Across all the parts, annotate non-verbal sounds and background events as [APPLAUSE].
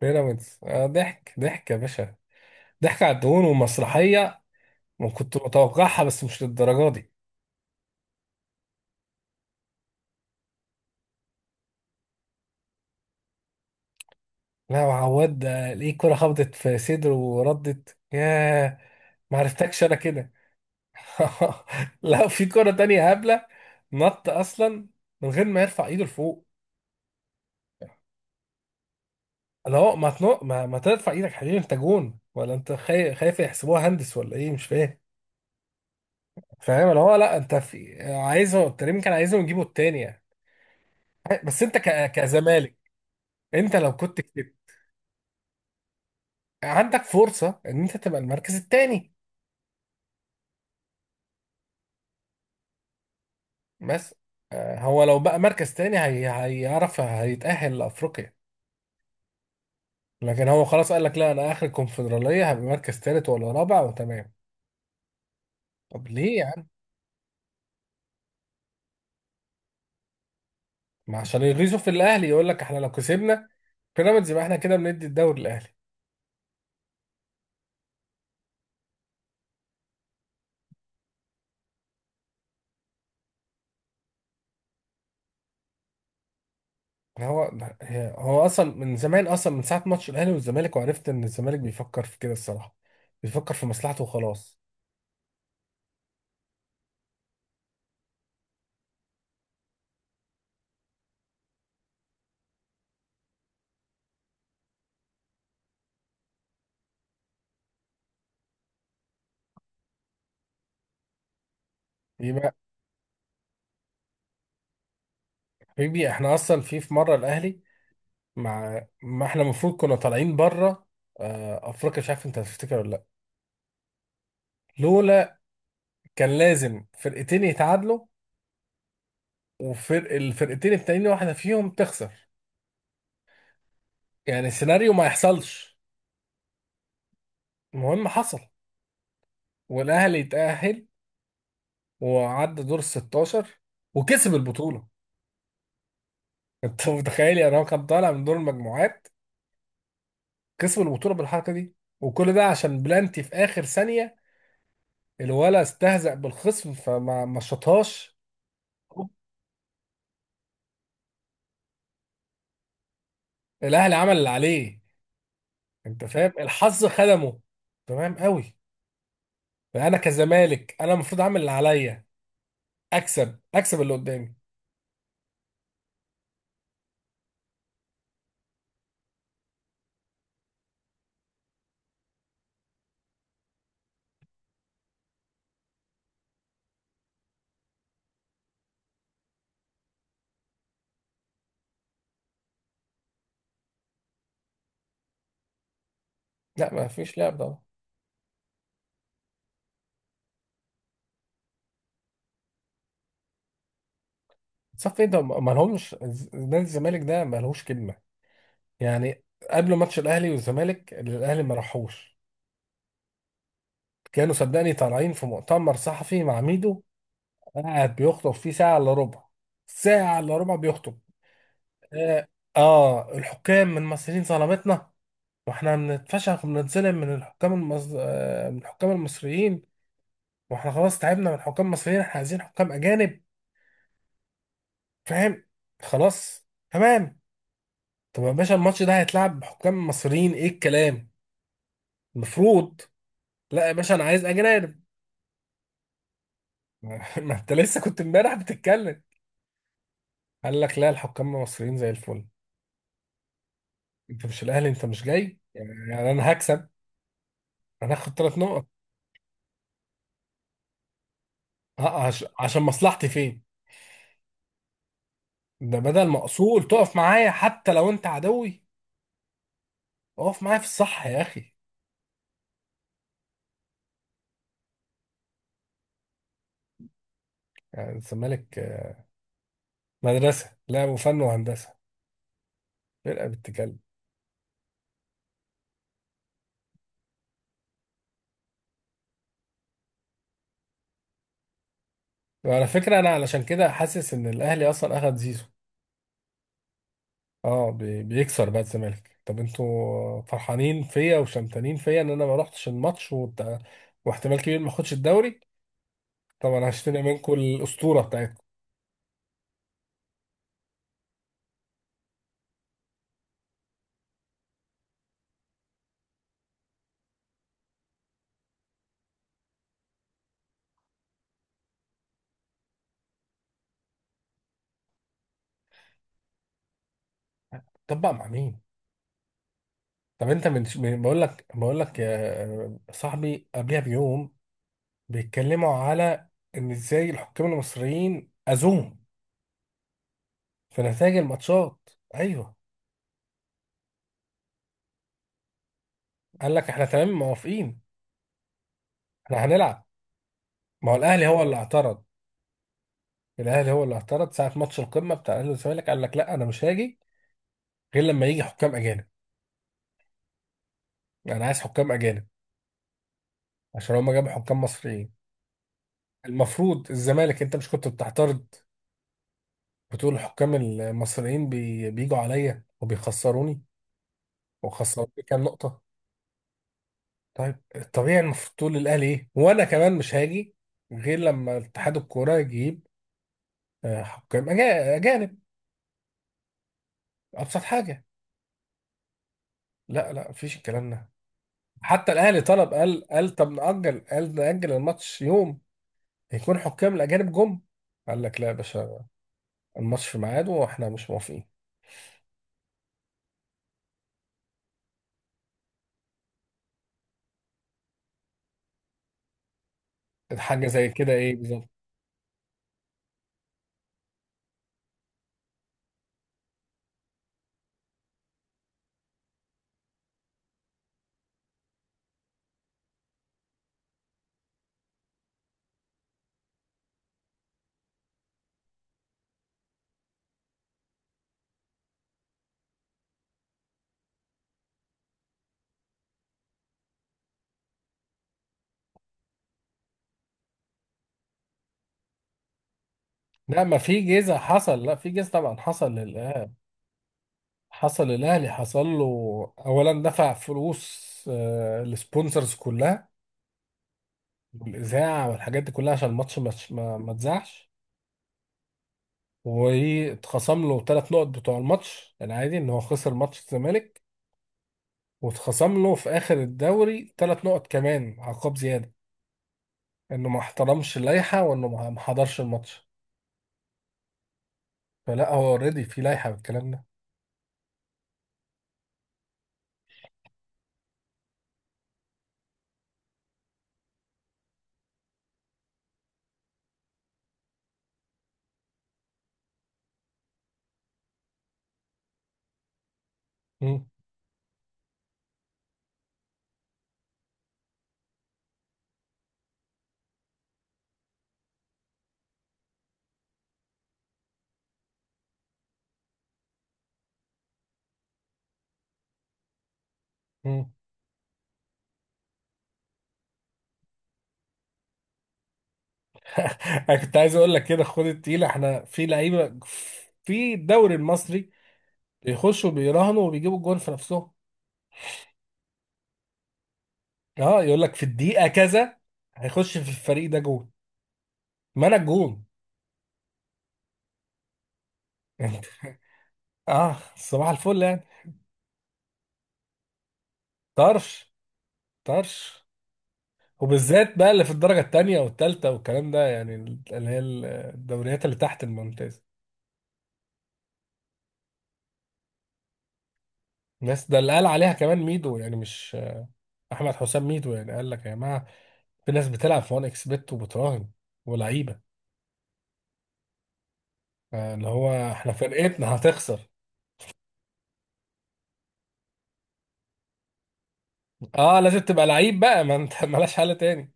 بيراميدز آه، ضحك ضحك يا باشا. ضحك على الدهون ومسرحية. ما كنت متوقعها، بس مش للدرجة دي. لا، وعواد ده ليه كرة خبطت في صدره وردت؟ ياه، ما عرفتكش انا كده. [LAUGHS] لا، في كرة تانية هبلة، نط اصلا من غير ما يرفع ايده لفوق. لا هو ما تنق ما, ما ترفع ايدك حبيبي، انت جون، ولا انت خايف؟ خايف يحسبوها هندس ولا ايه؟ مش فاهم. فاهم اللي هو، لا انت في عايزه، التريم كان عايزهم يجيبوا التانية. بس انت كزمالك، انت لو كنت كسبت عندك فرصة ان انت تبقى المركز التاني. بس هو لو بقى مركز تاني هي هيعرف هيتأهل لأفريقيا. لكن هو خلاص قال لك لا، انا اخر الكونفدرالية هبقى مركز تالت ولا رابع وتمام. طب ليه يا عم؟ ما عشان يغيظوا في الاهلي، يقول لك احنا لو كسبنا بيراميدز يبقى احنا كده بندي الدوري الاهلي. هو هو اصلا من زمان، اصلا من ساعة ماتش الاهلي والزمالك، وعرفت ان الزمالك بيفكر في كده الصراحة، بيفكر في مصلحته وخلاص. يبقى حبيبي احنا اصلا في مرة الاهلي، مع ما احنا المفروض كنا طالعين بره افريقيا. مش عارف انت هتفتكر ولا لا. لولا، كان لازم فرقتين يتعادلوا وفرق الفرقتين التانيين واحده فيهم تخسر، يعني السيناريو ما يحصلش. المهم حصل، والاهلي يتأهل وعدى دور ال 16 وكسب البطوله. [LAUGHS] انت متخيل؟ يعني هو كان طالع من دور المجموعات، كسب البطوله بالحركه دي، وكل ده عشان بلانتي في اخر ثانيه الولا استهزأ بالخصم فما ما شطهاش. الاهلي عمل اللي عليه، انت فاهم؟ الحظ خدمه تمام قوي. فانا كزمالك انا المفروض اعمل اللي عليا، اكسب اكسب اللي قدامي. لا، ما فيش لعب طبعا. صف ايه ده؟ ما لهمش. نادي الزمالك ده ما لهوش كلمه يعني. قبل ماتش الاهلي والزمالك اللي الاهلي ما راحوش، كانوا صدقني طالعين في مؤتمر صحفي مع ميدو، قاعد بيخطب فيه ساعه الا ربع. ساعه الا ربع بيخطب. اه, الحكام من المصريين ظلمتنا، واحنا بنتفشخ وبنتظلم من الحكام المص... آه، من الحكام المصريين، واحنا خلاص تعبنا من حكام مصريين، احنا عايزين حكام اجانب. فاهم؟ خلاص تمام. طب يا باشا الماتش ده هيتلعب بحكام مصريين؟ ايه الكلام؟ المفروض لا يا باشا، انا عايز اجانب. [LAUGHS] ما انت لسه كنت امبارح بتتكلم، قال لك لا الحكام المصريين زي الفل. انت مش الاهلي، انت مش جاي يعني انا هكسب، انا هاخد ثلاث نقط. اه عشان مصلحتي فين؟ ده بدل ما اصول تقف معايا، حتى لو انت عدوي اقف معايا في الصح يا اخي. يعني الزمالك مدرسة لا وفن وهندسة، فرقة بتتكلم. وعلى فكرة أنا علشان كده حاسس إن الأهلي أصلا أخد زيزو. أه بيكسر بقى الزمالك. طب أنتوا فرحانين فيا وشمتانين فيا إن أنا ما روحتش الماتش وبتاع، واحتمال كبير ما آخدش الدوري؟ طب أنا هشتري منكم الأسطورة بتاعتكم. طب بقى مع مين؟ طب أنت بقول لك يا صاحبي قبلها بيوم بيتكلموا على إن إزاي الحكام المصريين أذوهم في نتائج الماتشات. أيوه، قال لك إحنا تمام موافقين، إحنا هنلعب. ما هو الاهلي هو اللي اعترض، الاهلي هو اللي اعترض ساعه ماتش القمه بتاع الاهلي والزمالك، قال لك لا انا مش هاجي غير لما يجي حكام اجانب، انا عايز حكام اجانب عشان هما جابوا حكام مصريين. المفروض الزمالك انت مش كنت بتعترض بتقول الحكام المصريين بيجوا عليا وبيخسروني وخسروني كام نقطه؟ طيب الطبيعي المفروض تقول للاهلي ايه وانا كمان مش هاجي غير لما اتحاد الكوره يجيب حكام اجانب. ابسط حاجه. لا لا مفيش الكلام ده. حتى الاهلي طلب، قال طب نأجل، قال نأجل الماتش يوم هيكون حكام الاجانب جم. قال لك لا يا باشا، الماتش في ميعاده واحنا مش موافقين. حاجه زي كده ايه بالظبط؟ لا، ما في جيزه حصل، لا في جيزه طبعا حصل للاهلي، حصل للاهلي، حصل له. اولا دفع فلوس السبونسرز كلها والاذاعه والحاجات دي كلها، عشان الماتش ما اتذاعش. واتخصم له ثلاث نقط بتوع الماتش العادي ان هو خسر ماتش الزمالك. واتخصم له في اخر الدوري ثلاث نقط كمان عقاب زياده، انه ما احترمش اللائحه وانه ما حضرش الماتش. فلا، هو اوريدي في لائحه بالكلام ده. مم. مم. انا كنت عايز اقول لك كده: خد التقيله، احنا في لعيبه في الدوري المصري بيخشوا بيراهنوا وبيجيبوا الجون في نفسهم. اه، يقول لك في الدقيقه كذا هيخش في الفريق ده جون، ما انا الجون. [LAUGHS] اه، صباح الفل يعني. طرش طرش. وبالذات بقى اللي في الدرجة التانية والتالتة والكلام ده يعني، اللي هي الدوريات اللي تحت الممتاز. الناس ده اللي قال عليها كمان ميدو، يعني مش، أحمد حسام ميدو يعني قال لك يا جماعة في ناس بتلعب في 1 اكس بت وبتراهن، ولعيبة اللي هو احنا فرقتنا هتخسر. اه لازم تبقى لعيب بقى، ما انت [LAUGHS] ملاش حل تاني.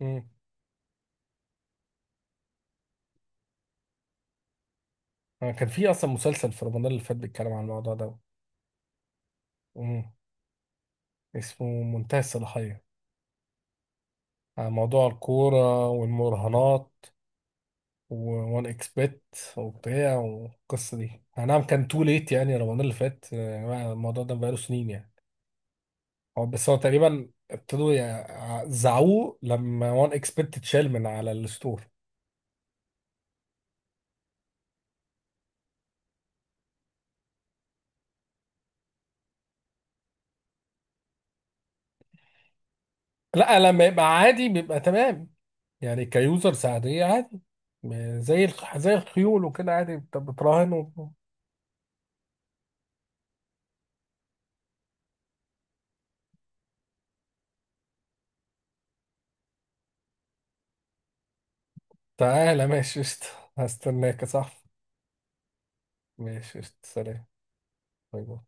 مم. كان في اصلا مسلسل في رمضان اللي فات بيتكلم عن الموضوع ده. مم. اسمه منتهى الصلاحية، عن موضوع الكورة والمراهنات و1 اكس بت وبتاع. والقصه دي أي نعم كان تو ليت يعني، رمضان اللي فات يعني، الموضوع ده بقاله سنين يعني. هو بس هو تقريبا ابتدوا زعوه لما 1 اكس بت اتشال من على الستور. لا، لما يبقى عادي بيبقى تمام يعني، كيوزرز عاديه عادي. زي زي الخيول وكده عادي، بتراهن و- تعالى ماشي قشطة، هستناك يا صاحبي. ماشي قشطة، سلام. باي باي.